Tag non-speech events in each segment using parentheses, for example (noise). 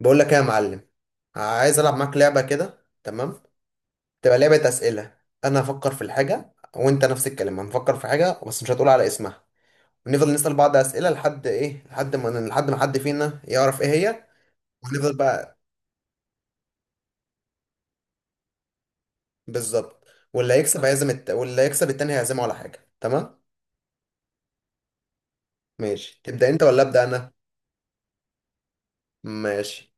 بقول لك ايه يا معلم؟ عايز العب معاك لعبه كده، تمام؟ تبقى لعبه اسئله. انا هفكر في الحاجه وانت نفس الكلام، هنفكر في حاجه بس مش هتقول على اسمها، ونفضل نسال بعض اسئله لحد ايه، لحد ما حد فينا يعرف ايه هي. ونفضل بقى. بالظبط. واللي هيكسب واللي هيكسب التاني هيعزمه على حاجه، تمام؟ ماشي، تبدا انت ولا ابدا انا؟ ماشي.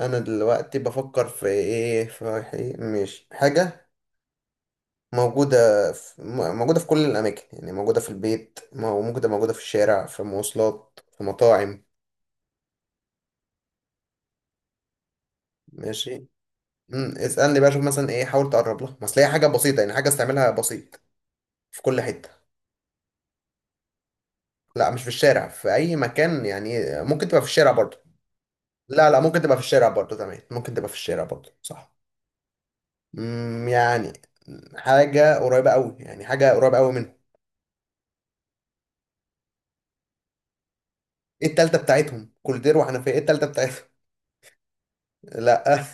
انا دلوقتي بفكر في ايه، ماشي، حاجه موجودة موجودة في كل الأماكن، يعني موجودة في البيت، موجودة في الشارع، في مواصلات، في مطاعم. ماشي. مم. اسألني بقى، شوف مثلا إيه، حاول تقرب لها، ما أصل هي حاجة بسيطة، يعني حاجة استعملها بسيط. في كل حتة. لا، مش في الشارع، في أي مكان، يعني ممكن تبقى في الشارع برضه. لا لا، ممكن تبقى في الشارع برضه، تمام، ممكن تبقى في الشارع برضه، صح. يعني حاجة قريبة أوي، يعني حاجة قريبة أوي منهم. إيه التالتة بتاعتهم، كولدير وحنفية، إيه التالتة بتاعتهم؟ لا (laughs)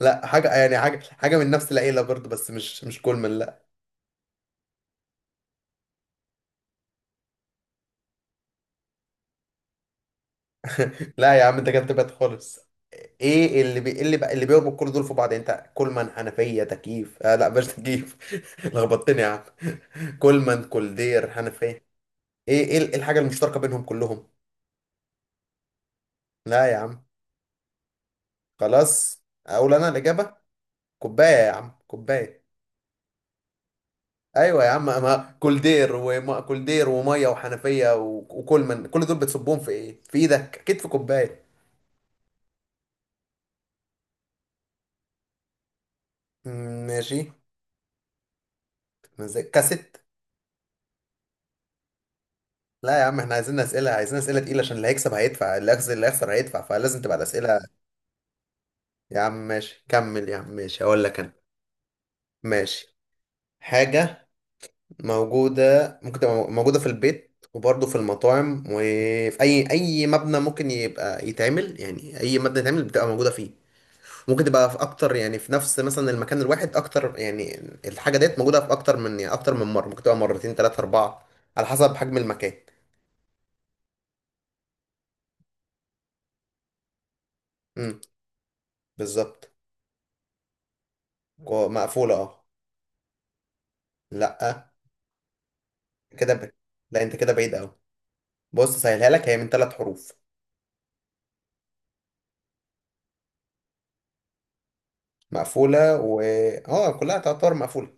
لا، حاجة يعني حاجة من نفس العيلة برضه، بس مش كولمان، لا. لا يا عم، انت كده بتبعد خالص. إيه اللي بقى اللي بيربط كل دول في بعض، يعني انت كولمان، حنفية، تكييف، آه لا مش تكييف. (laughs) لخبطتني يا عم. كولمان، كولدير، حنفية. ايه إيه الحاجة المشتركة بينهم كلهم؟ لا يا عم. خلاص اقول انا الإجابة. كوباية يا عم، كوباية. ايوه يا عم، ما كولدير وما كولدير وميه وحنفية وكولمان، كل دول بتصبهم في ايه في ايدك؟ اكيد في كوباية. مم، ماشي. مزاج كاسيت. لا يا عم، احنا عايزين اسئله تقيله، عشان اللي هيكسب هيدفع، اللي هيخسر هيدفع، فلازم تبقى الاسئله. يا عم ماشي كمل يا عم، ماشي هقول لك انا. ماشي. حاجه موجوده، ممكن تبقى موجوده في البيت وبرضه في المطاعم وفي اي مبنى ممكن يبقى يتعمل، يعني اي مبنى يتعمل بتبقى موجوده فيه. ممكن تبقى في اكتر يعني في نفس مثلا المكان الواحد اكتر يعني. الحاجه ديت موجوده في اكتر من يعني اكتر من مره، ممكن تبقى مرتين، ثلاثه، اربعه، على حسب حجم المكان. امم. بالظبط. مقفولة، اه. لا. كده لا انت كده بعيد اوي. بص، سهلها لك، هي من 3 حروف. مقفولة، و. اه كلها تعتبر مقفولة.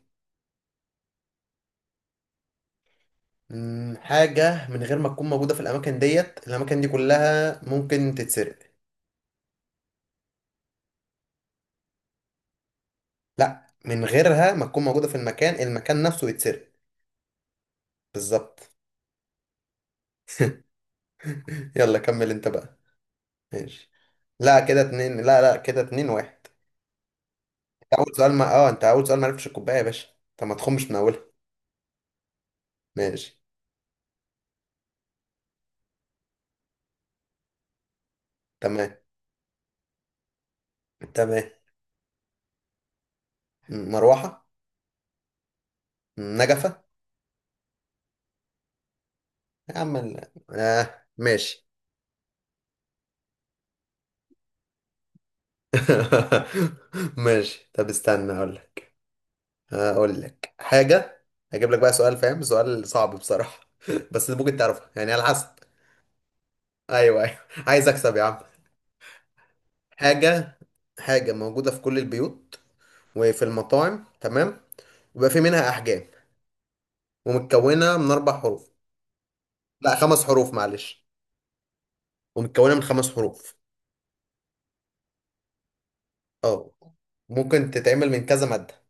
حاجة من غير ما تكون موجودة في الأماكن ديت، الأماكن دي كلها ممكن تتسرق. لا، من غيرها ما تكون موجودة في المكان نفسه يتسرق. بالظبط. (laughs) يلا كمل انت بقى. ماشي. لا كده اتنين، لا لا كده اتنين واحد. انت أول سؤال ما عرفتش الكوباية يا باشا، طب ما تخمش من أولها. ماشي. تمام. تمام. مروحة. نجفة. يا عم ماشي. (laughs) ماشي، طب استنى اقول لك، اقول لك حاجة. هجيب لك بقى سؤال فاهم، سؤال صعب بصراحة (laughs) بس ممكن تعرفها يعني على حسب. ايوه ايوه. عايز اكسب يا عم. حاجة. حاجة موجودة في كل البيوت وفي المطاعم، تمام. ويبقى في منها احجام، ومتكونة من 4 حروف. لا، 5 حروف معلش، ومتكونة من 5 حروف. اه. ممكن تتعمل من كذا مادة.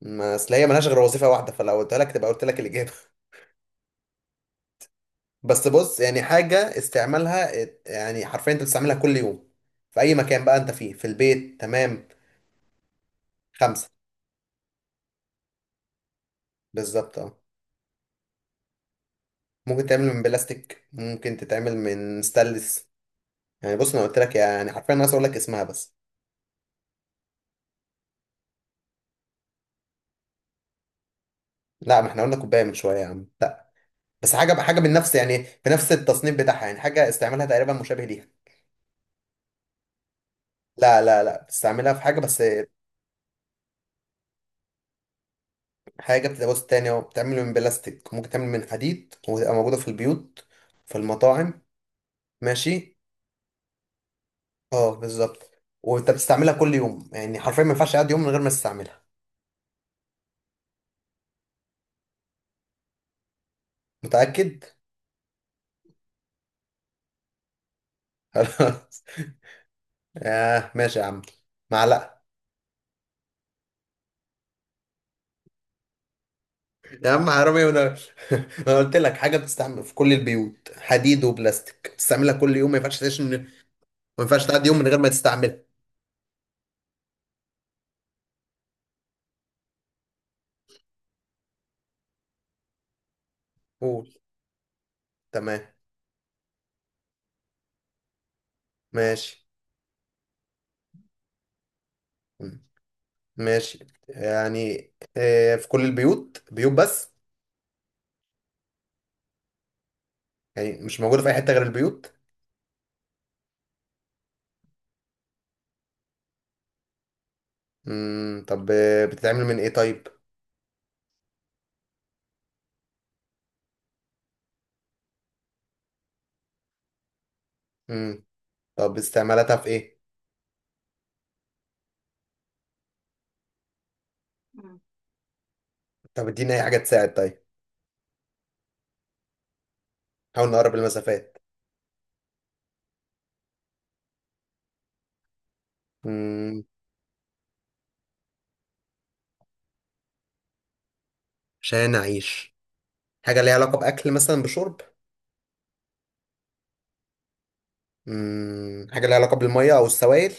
ما اصل هي ملهاش غير وظيفة واحدة، فلو قلت لك تبقى قلت لك الإجابة (laughs) بس بص، يعني حاجة استعمالها يعني حرفيا انت بتستعملها كل يوم في أي مكان بقى انت فيه، في البيت، تمام. 5. بالظبط اه. ممكن تعمل من بلاستيك، ممكن تتعمل من ستانلس. يعني بص، انا قلت لك، يعني حرفيا انا عايز اقول لك اسمها بس. لا، ما احنا قلنا كوباية من شوية يا عم، لا. بس حاجة من نفس يعني بنفس التصنيف بتاعها، يعني حاجة استعمالها تقريبا مشابه ليها. لا لا لا، بتستعملها في حاجة بس. حاجة بتتجوز تاني، أو بتعمل من بلاستيك، ممكن تعمل من حديد، وتبقى موجودة في البيوت في المطاعم. ماشي. اه بالظبط. وانت بتستعملها كل يوم، يعني حرفيا ما ينفعش اقعد يوم من غير ما تستعملها. متأكد؟ (laughs) خلاص. آه ماشي يا عم، معلقة. يا عم حرامي وانا (laughs) انا قلت لك حاجة بتستعمل في كل البيوت، حديد وبلاستيك، بتستعملها كل يوم، ما ينفعش تعيش ما ينفعش تعدي يوم من غير ما تستعملها. قول. تمام. ماشي. مم. ماشي. يعني في كل البيوت، بيوت بس، يعني مش موجودة في أي حتة غير البيوت. طب بتتعمل من إيه طيب. امم طب استعمالاتها في إيه. مم. طب اديني أي حاجة تساعد طيب. حاول نقرب المسافات. امم. عشان أعيش. حاجة ليها علاقة بأكل مثلا بشرب. حاجة ليها علاقة بالمية أو السوائل.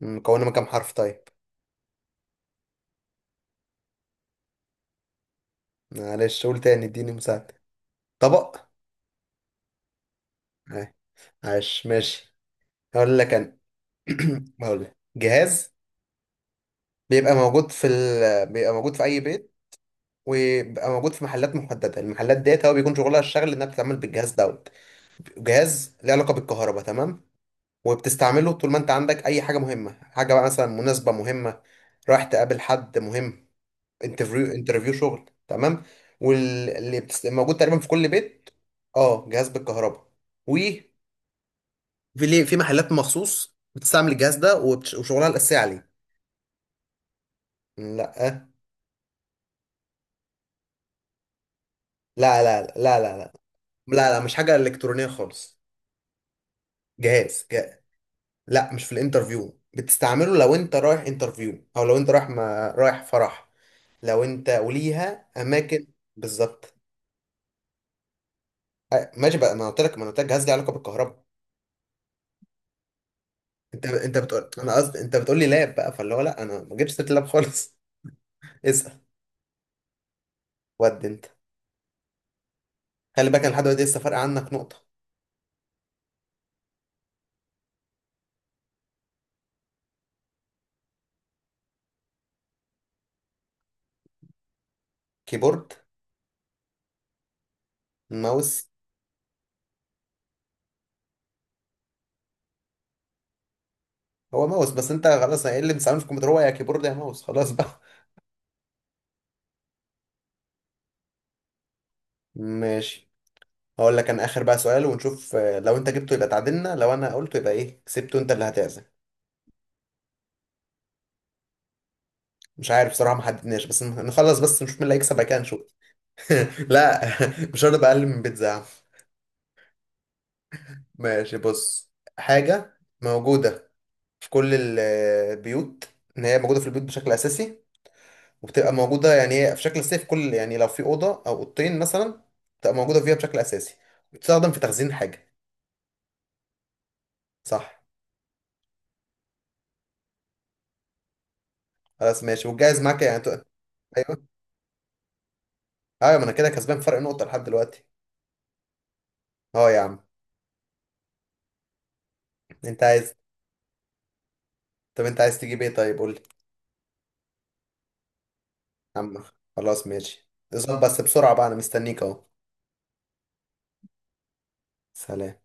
مكونة من كام حرف طيب؟ معلش قول تاني، اديني مساعدة. طبق. آه، عاش ماشي. هقول لك أنا. (clears throat) هقول لك جهاز بيبقى موجود بيبقى موجود في أي بيت، وبيبقى موجود في محلات محدده، المحلات ديت هو بيكون شغلها الشغل انها بتتعامل بالجهاز دوت. جهاز له علاقه بالكهرباء، تمام. وبتستعمله طول ما انت عندك اي حاجه مهمه، حاجه بقى مثلا مناسبه مهمه، رايح تقابل حد مهم، انترفيو، انترفيو شغل، تمام. موجود تقريبا في كل بيت. اه جهاز بالكهرباء. وفي، ليه في محلات مخصوص بتستعمل الجهاز ده وشغلها الاساسي عليه. لا. لا لا لا لا لا لا. لا لا، مش حاجه الكترونيه خالص. جهاز. لا، مش في الانترفيو، بتستعمله لو انت رايح انترفيو او لو انت رايح ما رايح فرح، لو انت وليها اماكن. بالظبط. ماشي بقى، ما انا قلت لك جهاز ليه علاقه بالكهرباء. انت بتقول، انا قصدي، انت بتقول لي لاب بقى، فاللي هو لا، انا ما جبتش سيره اللاب خالص. (laughs) اسال. ود انت. خلي بالك، انا لحد دلوقتي لسه فارق عنك نقطه. كيبورد. ماوس. هو ماوس، بس انت خلاص، ايه اللي بتستعمله في الكمبيوتر، هو يا كيبورد يا ماوس، خلاص بقى. ماشي. هقول لك انا اخر بقى سؤال، ونشوف لو انت جبته يبقى تعادلنا، لو انا قلته يبقى ايه، كسبته انت اللي هتعزم. مش عارف بصراحة، ما حددناش، بس نخلص بس نشوف مين اللي هيكسب، بعد كده نشوف. لا. (laughs) مش هرضى بقلل من بيتزا يا عم. ماشي بص. حاجة موجودة في كل البيوت، ان هي موجودة في البيوت بشكل اساسي، وبتبقى موجودة يعني هي في شكل اساسي في كل، يعني لو في أوضة او أوضتين مثلا، بتبقى موجودة فيها بشكل اساسي، وبتستخدم في تخزين حاجة. صح. خلاص ماشي، والجايز معاك يعني (laughs) ايوه. ايوه ما انا كده كسبان فرق نقطة لحد دلوقتي. اه يا عم. انت عايز. طب انت عايز تجيب ايه طيب، قول لي. عم. خلاص ماشي، اظبط بس بسرعة بقى، انا مستنيك اهو. سلام.